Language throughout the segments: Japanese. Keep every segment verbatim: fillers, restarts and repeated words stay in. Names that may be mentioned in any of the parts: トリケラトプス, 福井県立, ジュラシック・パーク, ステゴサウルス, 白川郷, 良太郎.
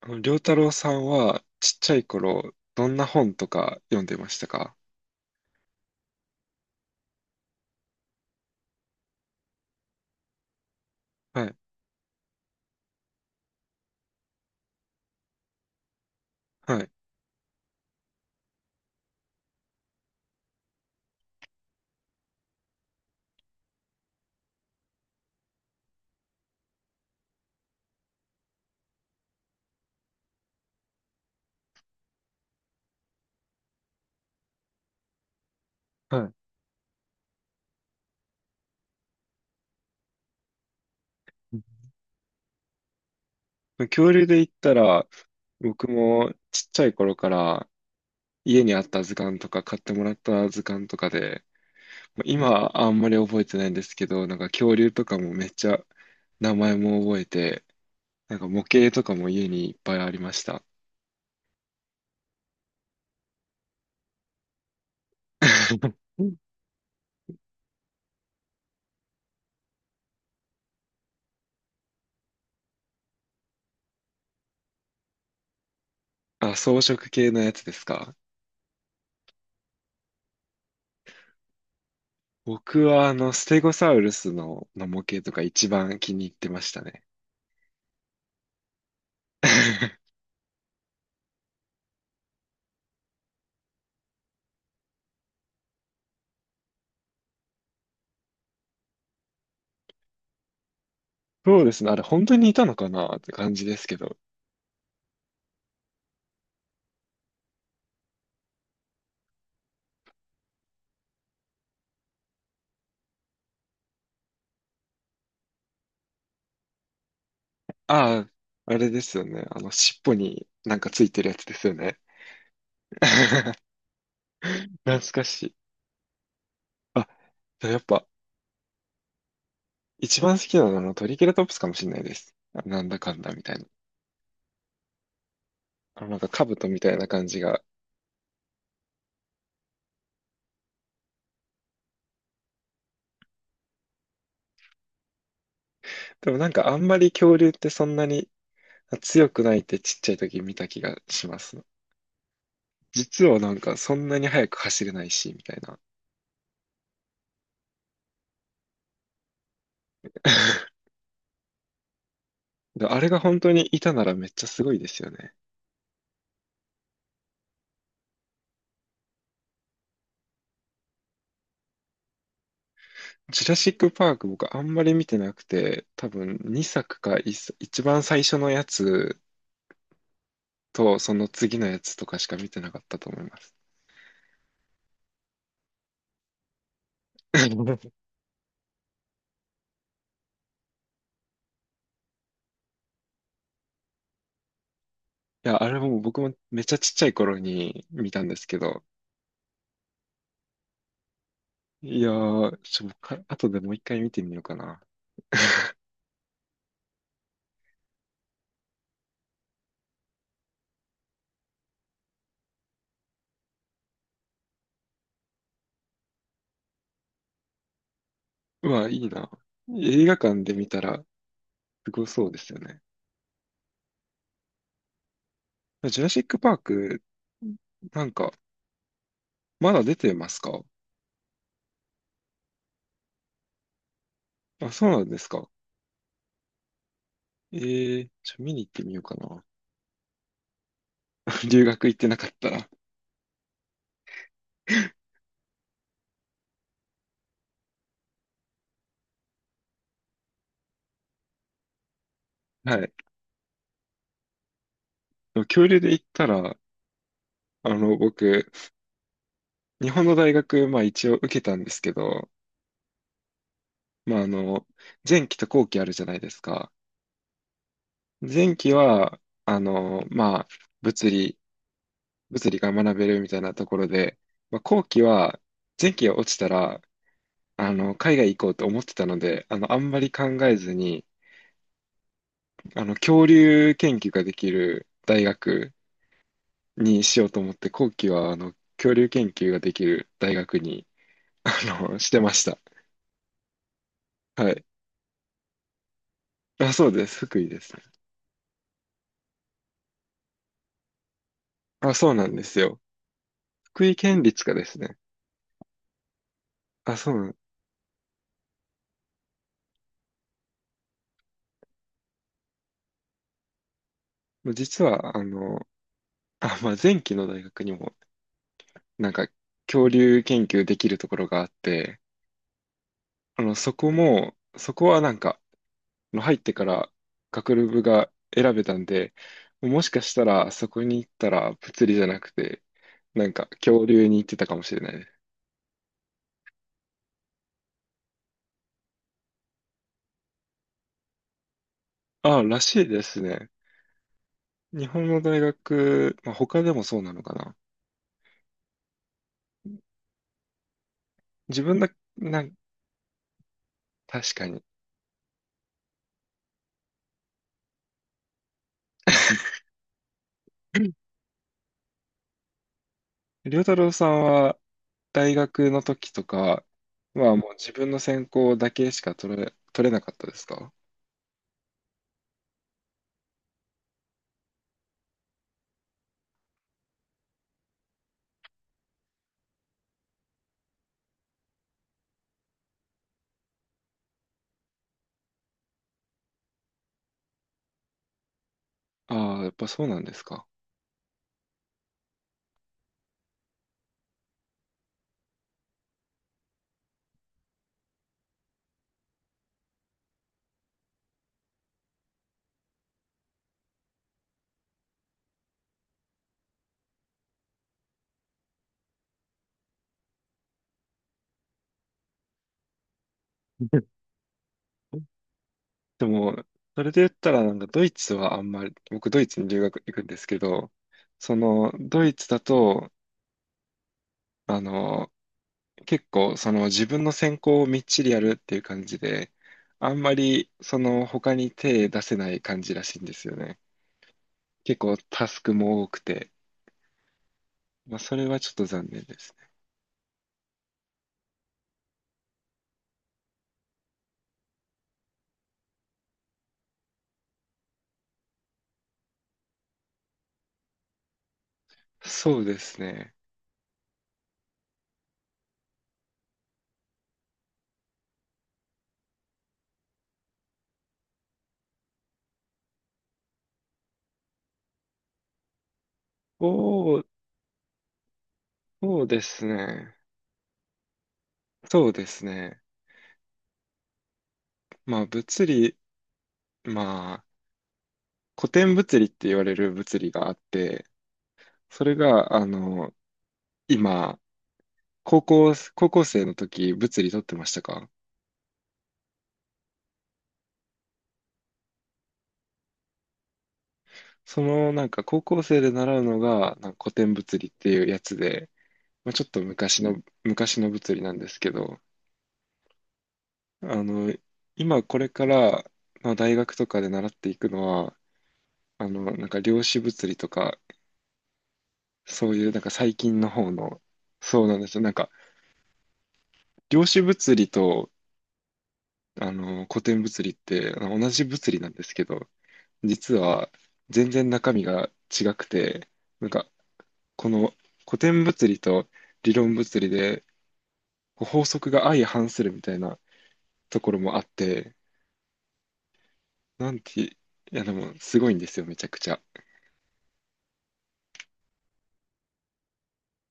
あの、良太郎さんは、ちっちゃい頃、どんな本とか読んでましたか？はい、はい、はい。うん。恐竜で言ったら、僕もちっちゃい頃から、家にあった図鑑とか、買ってもらった図鑑とかで、まあ今、あんまり覚えてないんですけど、なんか恐竜とかもめっちゃ、名前も覚えて、なんか模型とかも家にいっぱいありました。うん。あ、装飾系のやつですか？僕は、あの、ステゴサウルスの、の模型とか一番気に入ってましたね。そうですね。あれ、本当にいたのかなって感じですけど。ああ、あれですよね。あの、尻尾になんかついてるやつですよね。懐かしい。あ、でもやっぱ、一番好きなのはあのトリケラトプスかもしれないです。なんだかんだみたいな。あの、なんか兜みたいな感じが。でもなんかあんまり恐竜ってそんなに強くないってちっちゃい時見た気がします。実はなんかそんなに速く走れないし、みたいな。であれが本当にいたならめっちゃすごいですよね。ジュラシック・パーク僕あんまり見てなくて、多分にさくかいっさく一番最初のやつとその次のやつとかしか見てなかったと思います。いや、あれも僕もめっちゃちっちゃい頃に見たんですけど、いやー、ちょ、か後でもう一回見てみようかな。うわ、いいな。映画館で見たらすごそうですよね。ジュラシック・パーク、なんか、まだ出てますか？あ、そうなんですか。えー、ちょ、見に行ってみようかな。留学行ってなかったら。はい。でも恐竜で言ったら、あの、僕、日本の大学、まあ一応受けたんですけど、まああの、前期と後期あるじゃないですか。前期は、あの、まあ、物理、物理が学べるみたいなところで、まあ後期は、前期が落ちたら、あの、海外行こうと思ってたので、あの、あんまり考えずに、あの、恐竜研究ができる大学にしようと思って、後期は、あの、恐竜研究ができる大学に、あの、してました。はい。あ、そうです。福井ですね。あ、そうなんですよ。福井県立かですね。あ、そうなん。もう実は、あの、あ、まあ、前期の大学にも、なんか、恐竜研究できるところがあって、あの、そこも、そこはなんか、あの入ってから学部が選べたんで、もしかしたら、そこに行ったら、物理じゃなくて、なんか、恐竜に行ってたかもしれないです。あ、らしいですね。日本の大学、まあ、他でもそうなのかな。自分だ、なん、確かに。りょうたろうさんは大学の時とか、まあもう自分の専攻だけしか取れ、取れなかったですか？ああー、やっぱそうなんですか。でも、それで言ったらなんかドイツはあんまり、僕ドイツに留学行くんですけど、そのドイツだと、あの、結構その自分の専攻をみっちりやるっていう感じで、あんまりその他に手出せない感じらしいんですよね。結構タスクも多くて、まあそれはちょっと残念です。そうですね。そう、そうですね。そうですね。まあ物理、まあ古典物理って言われる物理があって、それが、あの、今、高校、高校生の時物理取ってましたか？そのなんか高校生で習うのがなんか古典物理っていうやつで、まあ、ちょっと昔の、昔の物理なんですけど、あの、今これから、まあ、大学とかで習っていくのは、あの、なんか量子物理とかそういう、なんか最近の方の、そうなんですよ。なんか、量子物理と、あの、古典物理って、あの同じ物理なんですけど、実は全然中身が違くて、なんか、この古典物理と理論物理で、こう法則が相反するみたいなところもあって、なんて、いや、でも、すごいんですよ、めちゃくちゃ。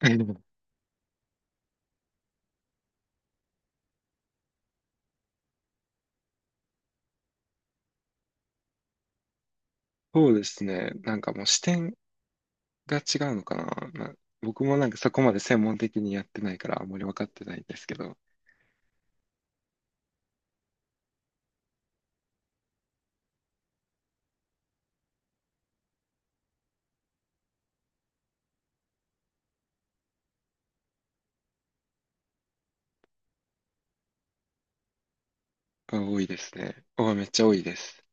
そうですね。なんかもう視点が違うのかな。まあ僕もなんかそこまで専門的にやってないからあんまり分かってないんですけど、あ、多いですね。あ、めっちゃ多いです。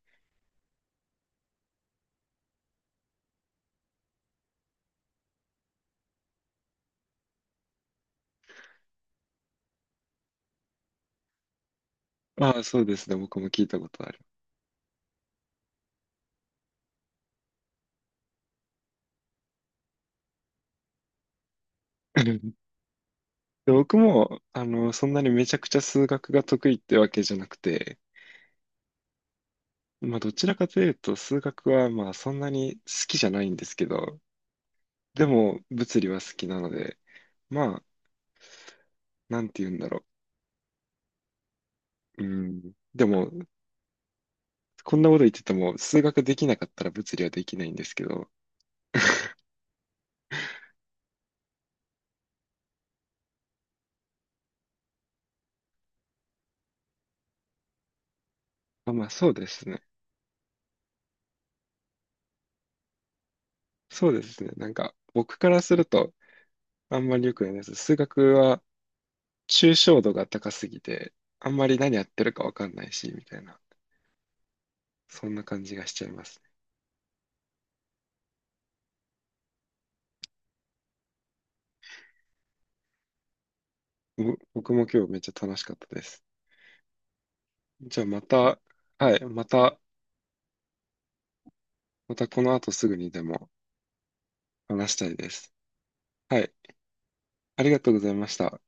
ああ、そうですね。僕も聞いたことある。で僕も、あの、そんなにめちゃくちゃ数学が得意ってわけじゃなくて、まあ、どちらかというと、数学は、まあ、そんなに好きじゃないんですけど、でも、物理は好きなので、まあ、なんて言うんだろう。うん。でも、こんなこと言ってても、数学できなかったら物理はできないんですけど、まあ、まあ、そうですね。そうですね。なんか、僕からすると、あんまり良くないです。数学は、抽象度が高すぎて、あんまり何やってるかわかんないし、みたいな、そんな感じがしちゃいますね。ぼ僕も今日めっちゃ楽しかったです。じゃあまた、はい、また、またこの後すぐにでも話したいです。はい、ありがとうございました。